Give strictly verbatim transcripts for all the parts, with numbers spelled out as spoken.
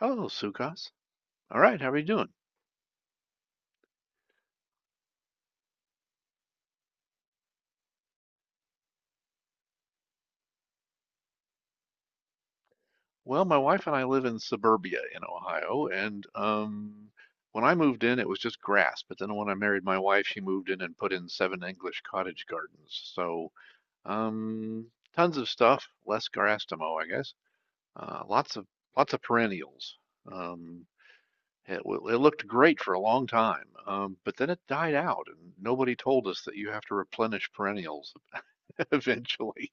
Hello, Sukas. All right, how are you doing? Well, my wife and I live in suburbia in Ohio, and um, when I moved in, it was just grass. But then when I married my wife, she moved in and put in seven English cottage gardens. So, um, tons of stuff, less grass to mow, I guess. Uh, lots of lots of perennials. Um, it, w- it looked great for a long time, um, but then it died out, and nobody told us that you have to replenish perennials eventually.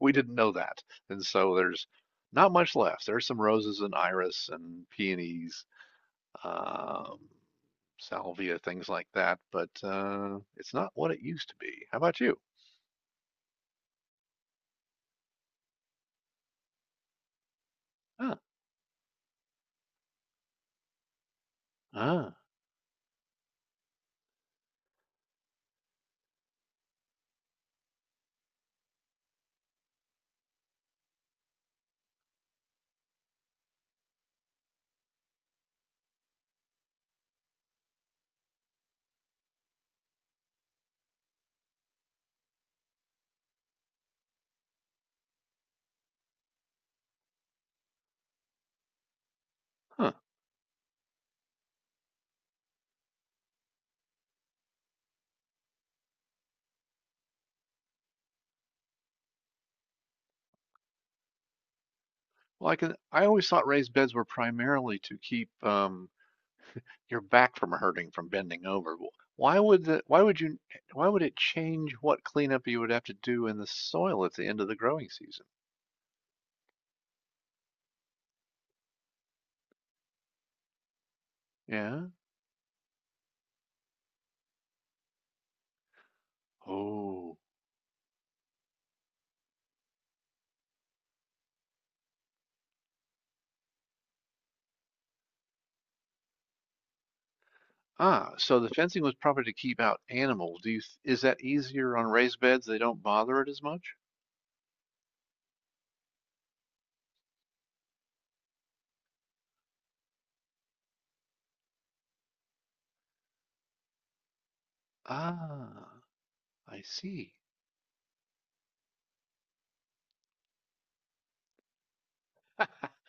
We didn't know that. And so there's not much left. There's some roses and iris and peonies, um, salvia, things like that, but uh, it's not what it used to be. How about you? Ah, ah, huh. Well, I can. I always thought raised beds were primarily to keep um, your back from hurting from bending over. Why would the, Why would you? Why would it change what cleanup you would have to do in the soil at the end of the growing season? Yeah. Oh. Ah, so the fencing was probably to keep out animals. Do you, th- is that easier on raised beds? They don't bother it as much? Ah, I see.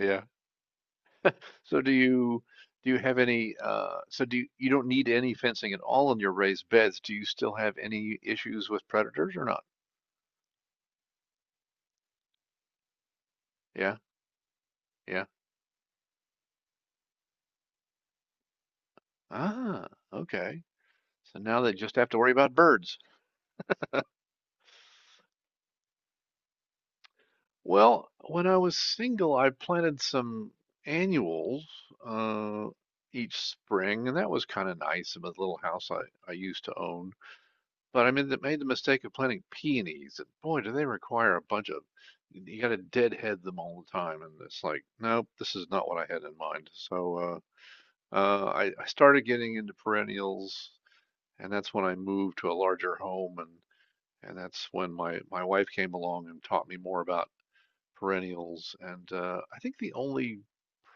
Yeah. So do you do you have any uh so do you, you don't need any fencing at all in your raised beds. Do you still have any issues with predators or not? Yeah. Yeah. Ah, okay. So now they just have to worry about birds. Well, when I was single, I planted some annuals uh, each spring, and that was kind of nice in the little house I, I used to own. But I made the, made the mistake of planting peonies, and boy, do they require a bunch of, you got to deadhead them all the time. And it's like, nope, this is not what I had in mind. So uh, uh, I, I started getting into perennials, and that's when I moved to a larger home, and, and that's when my, my wife came along and taught me more about perennials, and uh, I think the only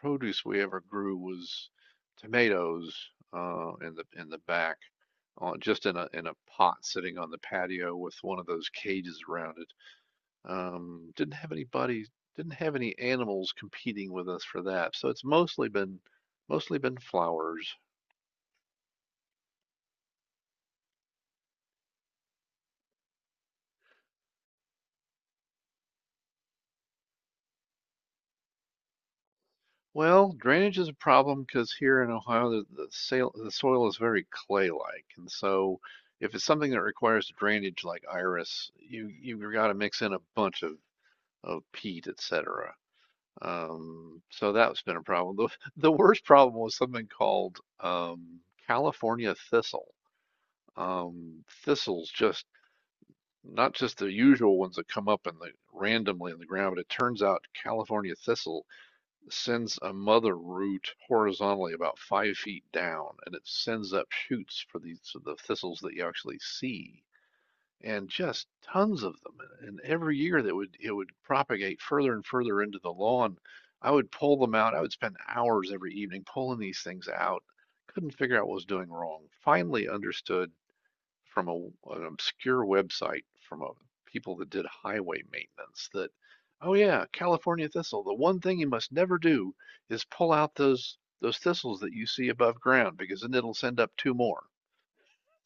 produce we ever grew was tomatoes uh, in the in the back, on, just in a in a pot sitting on the patio with one of those cages around it. Um, didn't have anybody, didn't have any animals competing with us for that, so it's mostly been mostly been flowers. Well, drainage is a problem because here in Ohio, the, the, sail, the soil is very clay-like. And so if it's something that requires drainage like iris, you, you've got to mix in a bunch of, of peat, et cetera. Um, so that's been a problem. The, the worst problem was something called um, California thistle. Um, thistles just, not just the usual ones that come up in the randomly in the ground, but it turns out California thistle sends a mother root horizontally about five feet down, and it sends up shoots for these so the thistles that you actually see, and just tons of them. And every year that would it would propagate further and further into the lawn. I would pull them out. I would spend hours every evening pulling these things out. Couldn't figure out what was doing wrong. Finally understood from a, an obscure website from a, people that did highway maintenance that, oh yeah, California thistle. The one thing you must never do is pull out those those thistles that you see above ground because then it'll send up two more.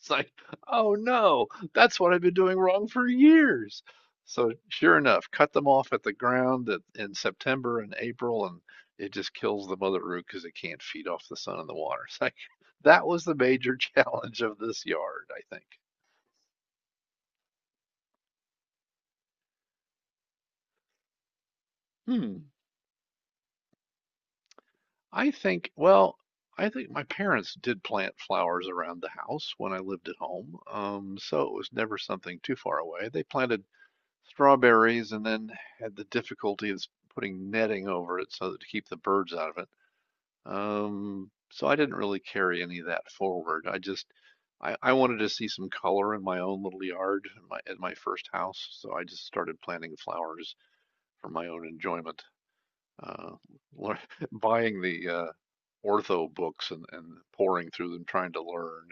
It's like, oh no, that's what I've been doing wrong for years. So sure enough, cut them off at the ground in September and April, and it just kills the mother root because it can't feed off the sun and the water. It's like that was the major challenge of this yard, I think. Hmm. I think, well, I think my parents did plant flowers around the house when I lived at home, um, so it was never something too far away. They planted strawberries and then had the difficulty of putting netting over it so that to keep the birds out of it. Um, so I didn't really carry any of that forward. I just I, I wanted to see some color in my own little yard in my at my first house, so I just started planting flowers for my own enjoyment. uh, buying the uh, ortho books and, and pouring through them, trying to learn.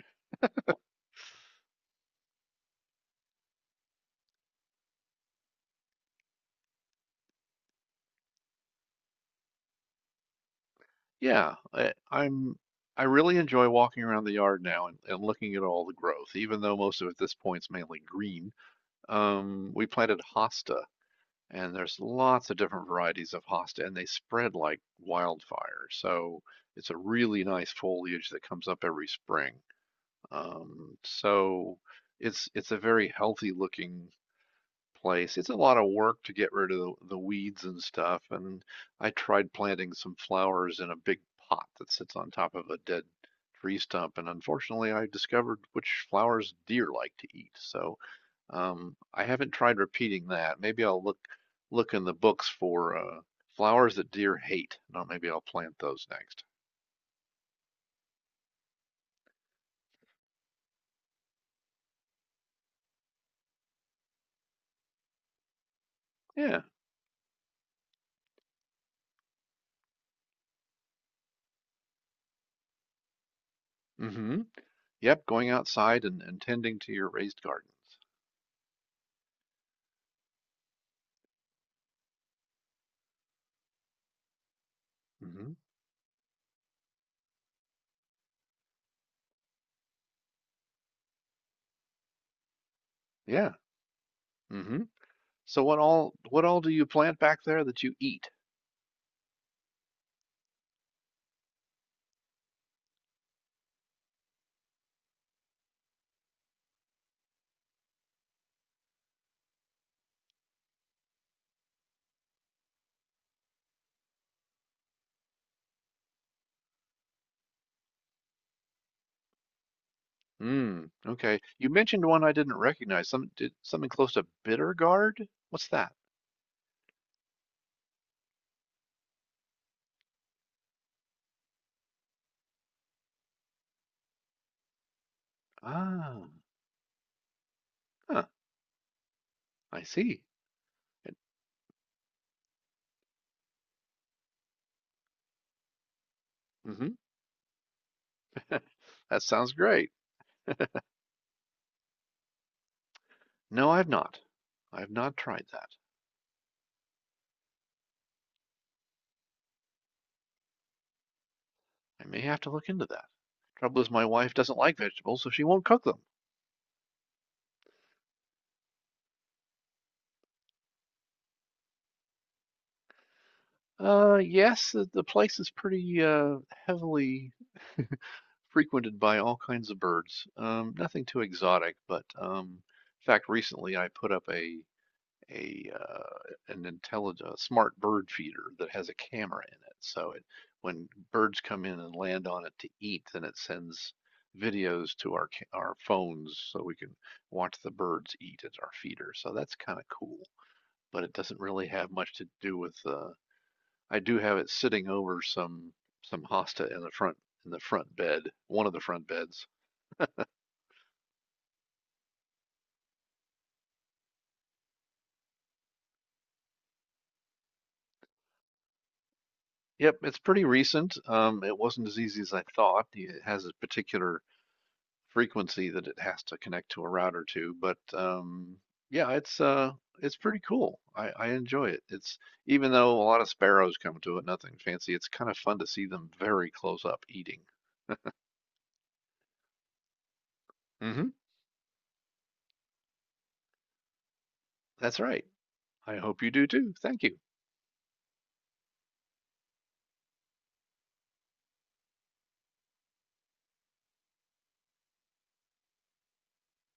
Yeah, I, I'm. I really enjoy walking around the yard now and, and looking at all the growth, even though most of it at this point is mainly green. Um, we planted hosta, and there's lots of different varieties of hosta, and they spread like wildfire. So it's a really nice foliage that comes up every spring. Um, so it's it's a very healthy looking place. It's a lot of work to get rid of the, the weeds and stuff. And I tried planting some flowers in a big pot that sits on top of a dead tree stump. And unfortunately, I discovered which flowers deer like to eat. So um, I haven't tried repeating that. Maybe I'll look look in the books for uh, flowers that deer hate. No, maybe I'll plant those next. Yeah. Mm-hmm. Yep. Going outside and, and tending to your raised gardens. Mm-hmm. Yeah. Mm-hmm. So what all what all do you plant back there that you eat? Mm, okay. You mentioned one I didn't recognize. Some did something close to bitter gourd? What's that? Ah, huh, I see. Mm-hmm. That sounds great. No, I've not. I've not tried that. I may have to look into that. Trouble is, my wife doesn't like vegetables, so she won't cook them. Uh, yes, the, the place is pretty uh heavily frequented by all kinds of birds. Um, nothing too exotic, but um, in fact, recently I put up a a uh, an intelligent smart bird feeder that has a camera in it. So it when birds come in and land on it to eat, then it sends videos to our our phones so we can watch the birds eat at our feeder. So that's kind of cool, but it doesn't really have much to do with. Uh, I do have it sitting over some some hosta in the front in the front bed, one of the front beds. Yep, it's pretty recent. Um, it wasn't as easy as I thought. It has a particular frequency that it has to connect to a router to, but um, yeah, it's uh, it's pretty cool. I, I enjoy it. It's even though a lot of sparrows come to it, nothing fancy. It's kind of fun to see them very close up eating. Hmm. That's right. I hope you do too. Thank you.